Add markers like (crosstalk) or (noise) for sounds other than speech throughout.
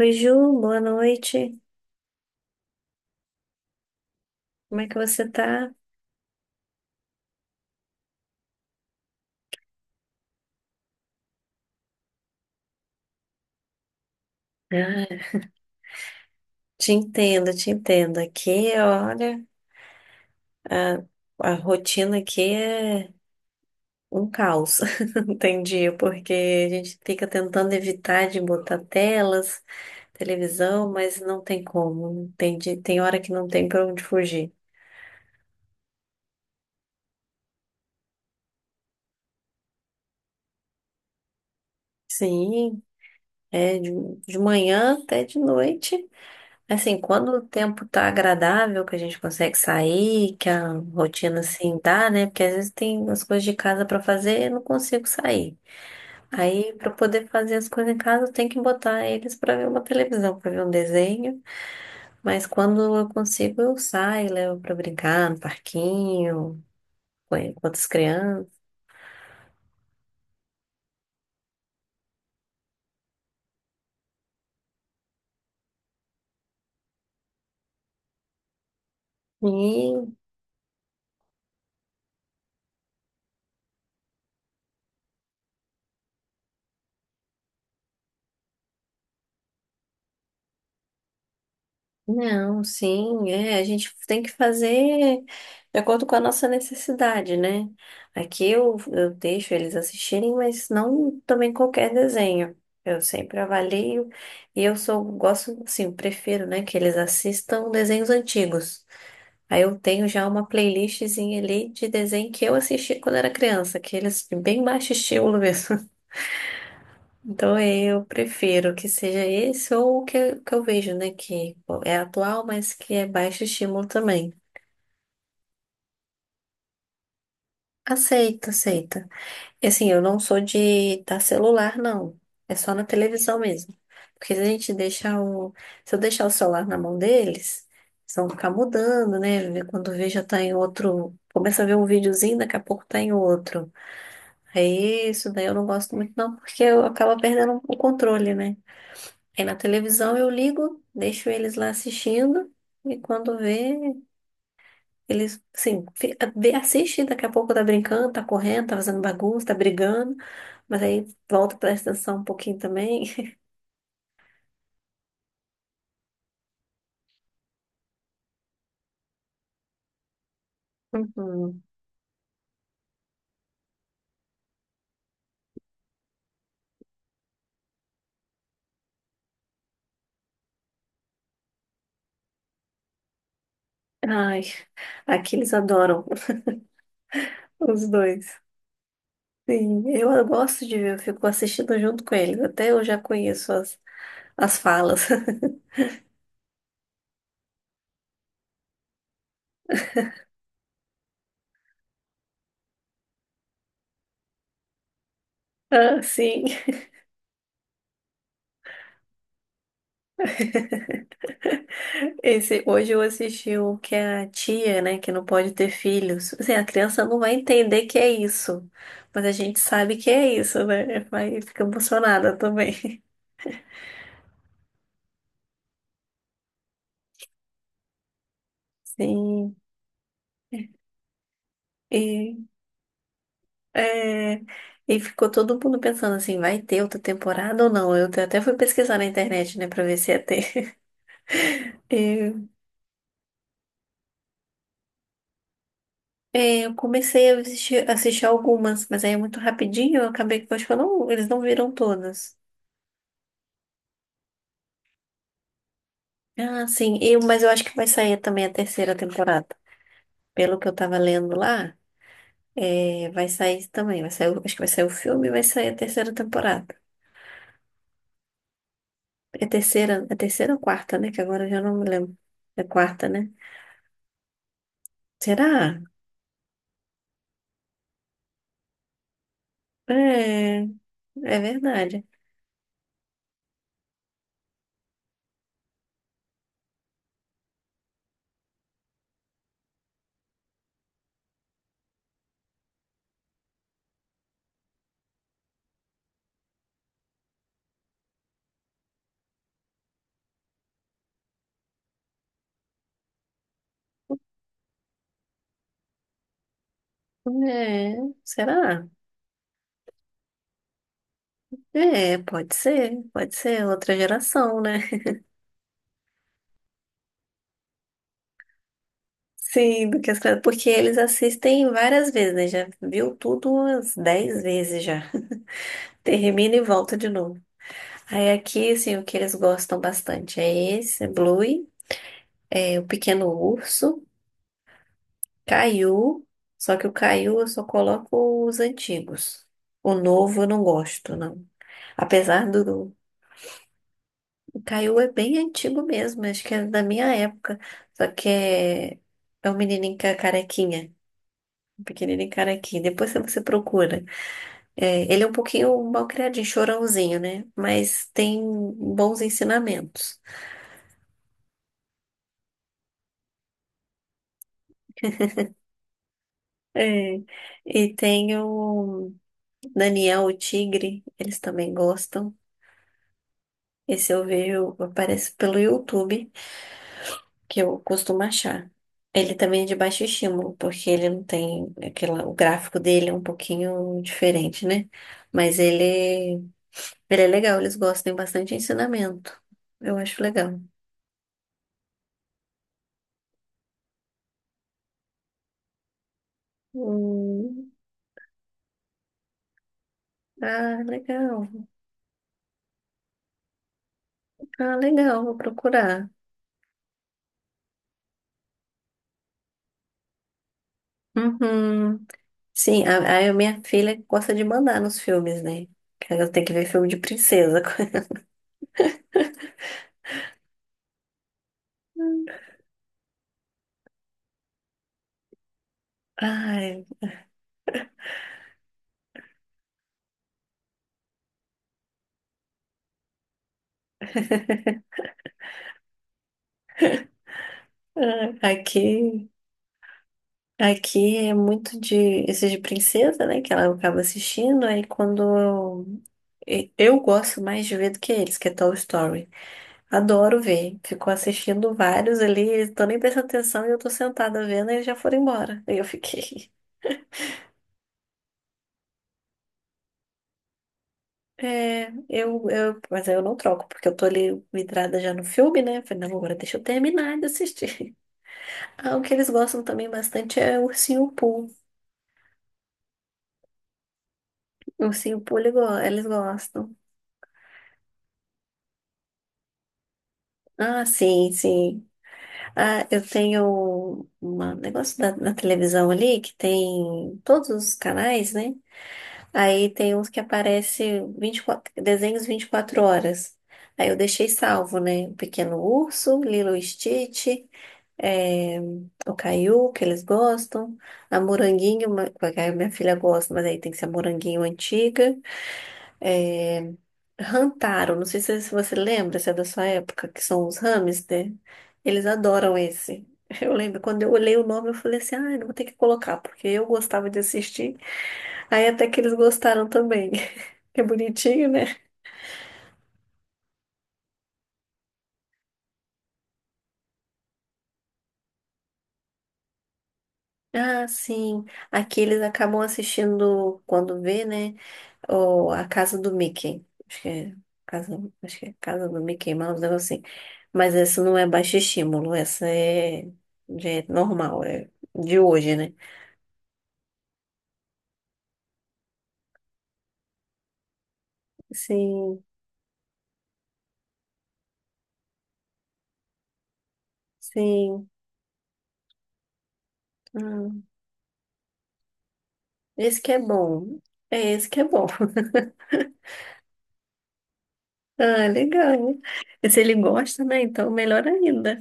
Oi, Ju, boa noite. Como é que você tá? Ah, te entendo, te entendo. Aqui, olha, a, a rotina aqui é um caos. (laughs) Não tem dia, porque a gente fica tentando evitar de botar telas, televisão, mas não tem como. Não tem. Tem hora que não tem pra onde fugir. Sim, é de manhã até de noite. Assim, quando o tempo tá agradável, que a gente consegue sair, que a rotina assim dá, né? Porque às vezes tem as coisas de casa pra fazer e eu não consigo sair. Aí, pra eu poder fazer as coisas em casa, eu tenho que botar eles pra ver uma televisão, pra ver um desenho. Mas quando eu consigo, eu saio, levo pra brincar no parquinho, com outras crianças. E Não, sim, é, a gente tem que fazer de acordo com a nossa necessidade, né? Aqui eu deixo eles assistirem, mas não também qualquer desenho. Eu sempre avalio e eu sou, gosto, assim, prefiro, né, que eles assistam desenhos antigos. Aí eu tenho já uma playlistzinha ali de desenho que eu assisti quando era criança, que eles bem baixo estilo mesmo. Então eu prefiro que seja esse ou o que, que eu vejo, né? Que é atual, mas que é baixo estímulo também. Aceita, aceita. E assim, eu não sou de dar celular, não. É só na televisão mesmo. Porque se a gente deixar o. Se eu deixar o celular na mão deles, eles vão ficar mudando, né? Quando vê já tá em outro. Começa a ver um videozinho, daqui a pouco tá em outro. É isso, daí eu não gosto muito, não, porque eu acabo perdendo o controle, né? Aí na televisão eu ligo, deixo eles lá assistindo, e quando vê, eles, assim, assiste, daqui a pouco tá brincando, tá correndo, tá fazendo bagunça, tá brigando, mas aí volta, presta atenção um pouquinho também. (laughs) Uhum. Ai, aqui eles adoram, (laughs) os dois. Sim, eu gosto de ver, eu fico assistindo junto com eles, até eu já conheço as, as falas. (laughs) Ah, sim. Esse, hoje eu assisti o que a tia, né, que não pode ter filhos. Assim, a criança não vai entender que é isso, mas a gente sabe que é isso, né? Vai, fica emocionada também. (laughs) Sim. E, é, e ficou todo mundo pensando assim, vai ter outra temporada ou não? Eu até fui pesquisar na internet, né, pra ver se ia ter. (laughs) Eu comecei a assistir, assistir algumas, mas aí é muito rapidinho, eu acabei que eu acho que eu não, eles não viram todas. Ah, sim. Mas eu acho que vai sair também a terceira temporada. Pelo que eu tava lendo lá, vai sair também. Vai sair, acho que vai sair o filme e vai sair a terceira temporada. É terceira ou quarta, né? Que agora eu já não me lembro. É quarta, né? Será? É, é verdade. É, será? É, pode ser outra geração, né? Sim, do que as crianças, porque eles assistem várias vezes, né? Já viu tudo umas 10 vezes já. Termina e volta de novo. Aí aqui, assim, o que eles gostam bastante é esse, é Bluey, é o Pequeno Urso, Caiu, só que o Caiu eu só coloco os antigos. O novo eu não gosto, não. Apesar do... O Caiu é bem antigo mesmo, acho que é da minha época. Só que é um menininho carequinha, um pequenininho carequinha. Depois você procura. É, ele é um pouquinho mal criadinho, chorãozinho, né? Mas tem bons ensinamentos. É, e tem o Daniel, o tigre, eles também gostam. Esse eu vejo, aparece pelo YouTube, que eu costumo achar. Ele também é de baixo estímulo, porque ele não tem aquela, o gráfico dele é um pouquinho diferente, né? Mas ele é legal, eles gostam, tem bastante ensinamento. Eu acho legal. Hum, ah, legal. Ah, legal, vou procurar. Uhum. Sim, a minha filha gosta de mandar nos filmes, né? Que ela tem que ver filme de princesa. (laughs) Ai, ah, aqui, aqui é muito de esses de princesa, né? Que ela acaba assistindo. Aí eu gosto mais de ver do que eles, que é Toy Story. Adoro ver. Ficou assistindo vários ali, eles estão nem prestando atenção e eu tô sentada vendo e eles já foram embora. Aí eu fiquei. (laughs) É, mas aí eu não troco, porque eu tô ali vidrada já no filme, né? Falei, não, agora deixa eu terminar de assistir. (laughs) Ah, o que eles gostam também bastante é o Ursinho Pooh. O Ursinho Pooh, eles gostam. Ah, sim, sim. Ah, eu tenho um negócio da, na televisão ali que tem todos os canais, né? Aí tem uns que aparece 24, desenhos 24 horas. Aí eu deixei salvo, né? O Pequeno Urso, Lilo e Stitch, eh, o Caiu, que eles gostam, a Moranguinho, que a minha filha gosta, mas aí tem que ser a Moranguinho antiga. eh, Rantaro, não sei se você lembra, se é da sua época, que são os hamster. Eles adoram esse. (laughs) Eu lembro, quando eu olhei o nome, eu falei assim, ah, eu vou ter que colocar, porque eu gostava de assistir. Aí até que eles gostaram também. (laughs) Que bonitinho, né? Ah, sim. Aqui eles acabam assistindo, quando vê, né? O, a Casa do Mickey. Acho que é Casa, acho que é Casa do Mickey Mouse, um negócio assim. Mas essa não é baixo estímulo, essa é, já é normal, é de hoje, né? Sim. Sim. Hum, esse que é bom. É esse que é bom. (laughs) Ah, legal. E se ele gosta, né? Então, melhor ainda.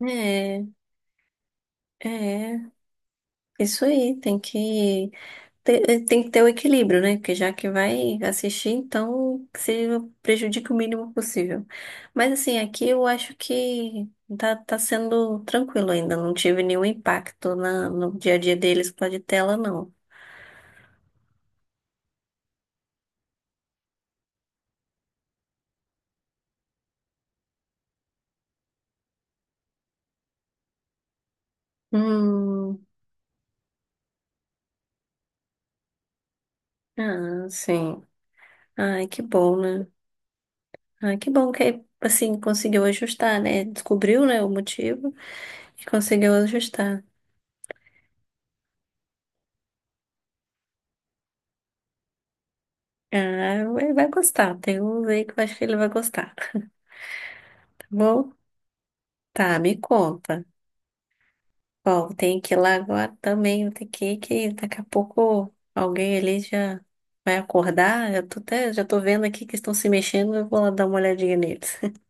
É, é. Isso aí, tem que ter o equilíbrio, né? Porque já que vai assistir, então que se prejudique o mínimo possível. Mas assim, aqui eu acho que tá sendo tranquilo ainda. Não tive nenhum impacto na, no dia a dia deles com a de tela, não. Hum, ah, sim. Ai, que bom, né? Ah, que bom que, assim, conseguiu ajustar, né? Descobriu, né, o motivo e conseguiu ajustar. Ah, ele vai gostar. Tem um aí que eu acho que ele vai gostar. Tá bom? Tá, me conta. Bom, tem que ir lá agora também. Tem que ir, que daqui a pouco alguém ali já vai acordar. Já tô até, já tô vendo aqui que estão se mexendo. Eu vou lá dar uma olhadinha neles. (laughs)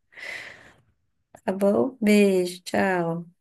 Tá bom? Beijo, tchau.